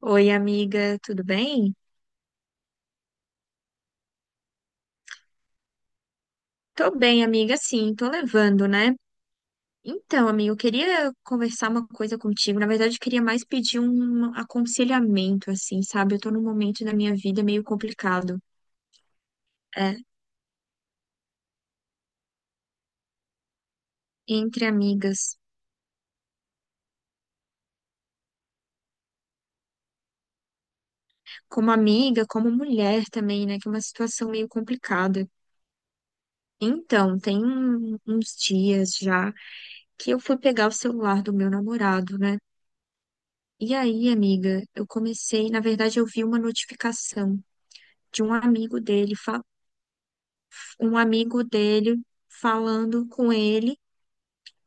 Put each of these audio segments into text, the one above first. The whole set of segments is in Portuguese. Oi, amiga, tudo bem? Tô bem, amiga, sim, tô levando, né? Então, amiga, eu queria conversar uma coisa contigo. Na verdade, eu queria mais pedir um aconselhamento, assim, sabe? Eu tô num momento da minha vida meio complicado, é, entre amigas. Como amiga, como mulher também, né? Que é uma situação meio complicada. Então, uns dias já que eu fui pegar o celular do meu namorado, né? E aí, amiga, eu comecei, na verdade, eu vi uma notificação de um amigo dele, um amigo dele falando com ele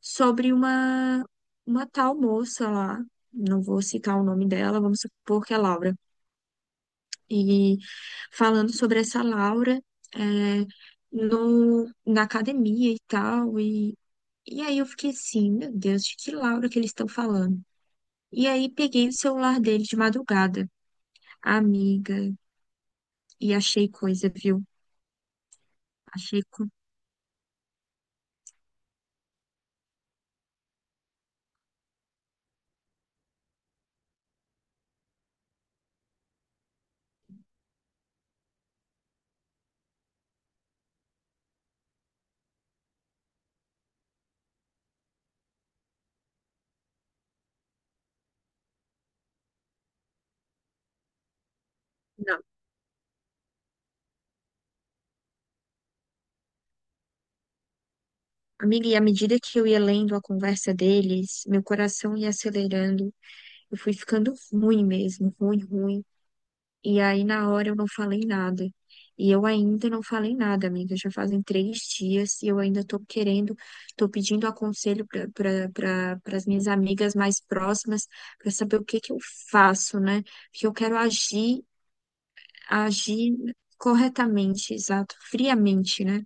sobre uma tal moça lá, não vou citar o nome dela, vamos supor que é Laura, e falando sobre essa Laura, é, no, na academia e tal, e aí eu fiquei assim, meu Deus, de que Laura que eles estão falando? E aí peguei o celular dele de madrugada, amiga, e achei coisa, viu? Achei coisa. Amiga, e à medida que eu ia lendo a conversa deles, meu coração ia acelerando. Eu fui ficando ruim mesmo, ruim, ruim. E aí, na hora, eu não falei nada. E eu ainda não falei nada, amiga. Já fazem três dias e eu ainda tô querendo, tô pedindo aconselho para as minhas amigas mais próximas, para saber o que que eu faço, né? Porque eu quero agir, agir corretamente, exato, friamente, né?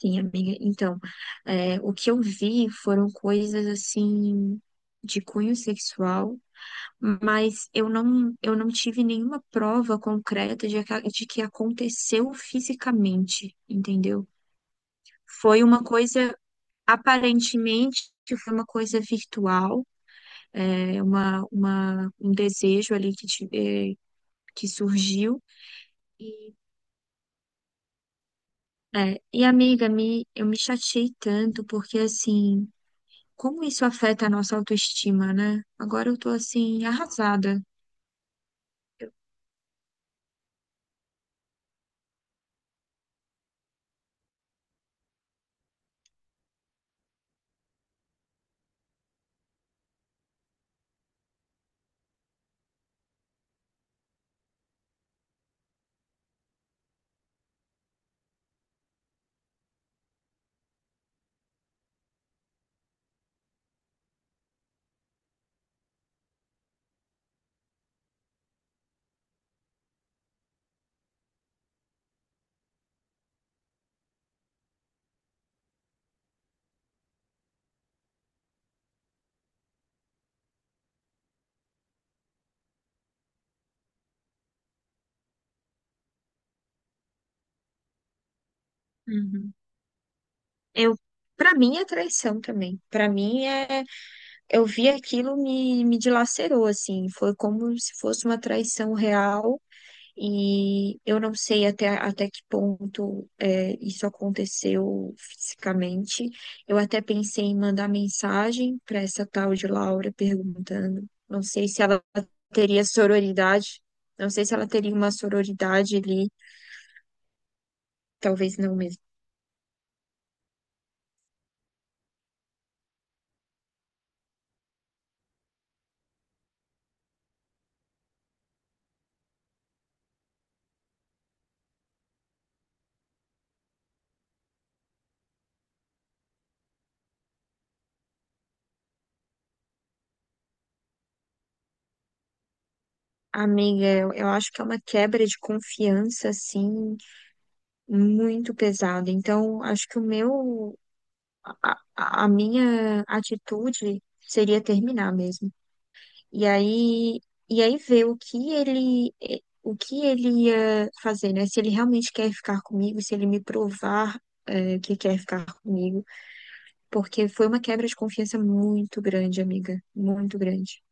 Sim, amiga. Então, o que eu vi foram coisas assim de cunho sexual, mas eu não tive nenhuma prova concreta de, de que aconteceu fisicamente, entendeu? Foi uma coisa, aparentemente, que foi uma coisa virtual, um desejo ali que surgiu. E, é, e amiga, me, eu me chateei tanto, porque assim. Como isso afeta a nossa autoestima, né? Agora eu tô assim, arrasada. Uhum. Eu, para mim é traição também. Pra mim é, eu vi aquilo me dilacerou assim, foi como se fosse uma traição real. E eu não sei até, até que ponto isso aconteceu fisicamente. Eu até pensei em mandar mensagem para essa tal de Laura perguntando. Não sei se ela teria sororidade, não sei se ela teria uma sororidade ali, talvez não mesmo. Amiga, eu acho que é uma quebra de confiança, assim, muito pesada. Então, acho que o meu, a minha atitude seria terminar mesmo. E aí, e aí ver o que ele, o que ele ia fazer, né? Se ele realmente quer ficar comigo, se ele me provar, que quer ficar comigo, porque foi uma quebra de confiança muito grande, amiga, muito grande.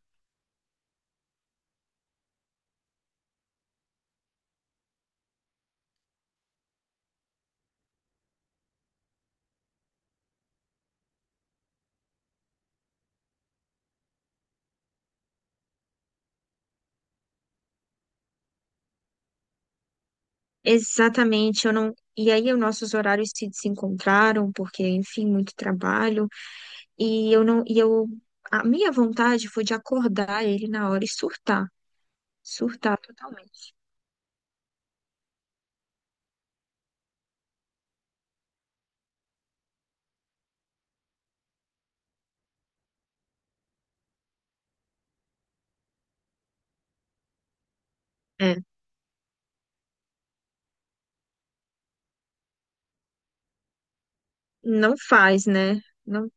Exatamente, eu não. E aí, os nossos horários se desencontraram, porque, enfim, muito trabalho, e eu não, e eu, a minha vontade foi de acordar ele na hora e surtar, surtar totalmente. É, não faz, né? Não,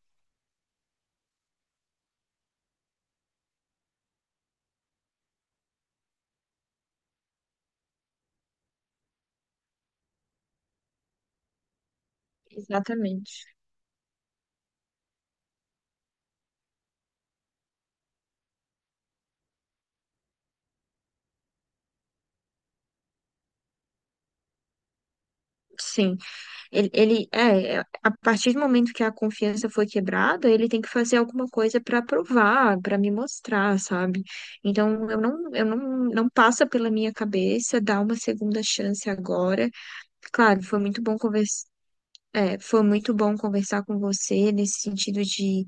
exatamente. Sim, ele, é, a partir do momento que a confiança foi quebrada, ele tem que fazer alguma coisa para provar, para me mostrar, sabe? Então eu não, não passa pela minha cabeça dar uma segunda chance agora. Claro, foi muito bom conversar, foi muito bom conversar com você nesse sentido de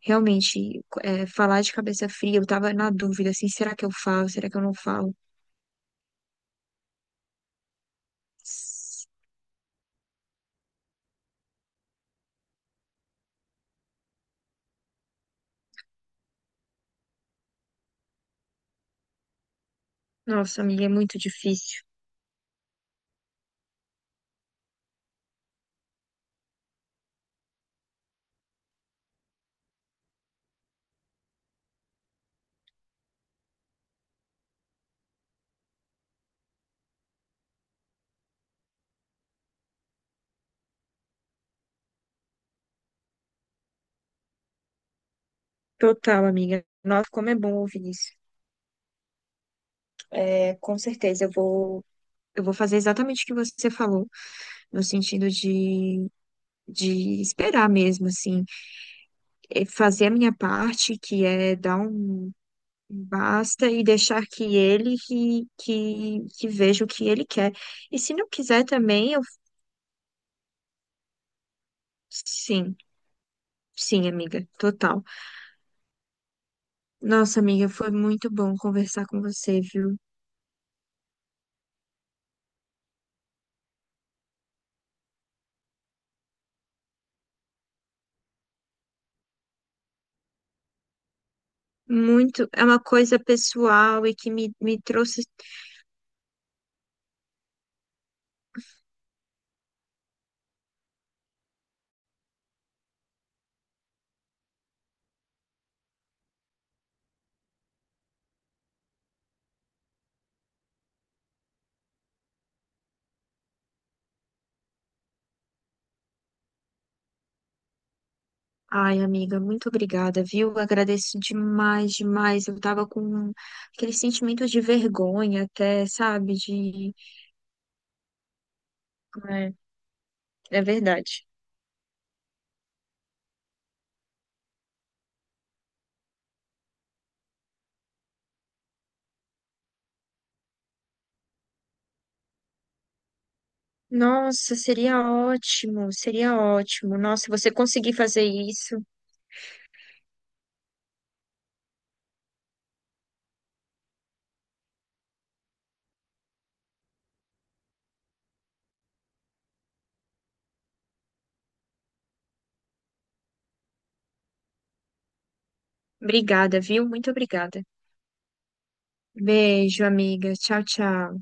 realmente, falar de cabeça fria. Eu tava na dúvida, assim, será que eu falo? Será que eu não falo? Nossa, amiga, é muito difícil. Total, amiga. Nossa, como é bom ouvir isso. É, com certeza, eu vou fazer exatamente o que você falou, no sentido de esperar mesmo, assim, fazer a minha parte, que é dar um basta e deixar que ele que veja o que ele quer. E se não quiser também, eu sim, sim, amiga, total. Nossa, amiga, foi muito bom conversar com você, viu? Muito, é uma coisa pessoal e que me trouxe. Ai, amiga, muito obrigada, viu? Agradeço demais, demais. Eu tava com aquele sentimento de vergonha até, sabe? De... É, é verdade. Nossa, seria ótimo, seria ótimo. Nossa, você conseguir fazer isso. Obrigada, viu? Muito obrigada. Beijo, amiga. Tchau, tchau.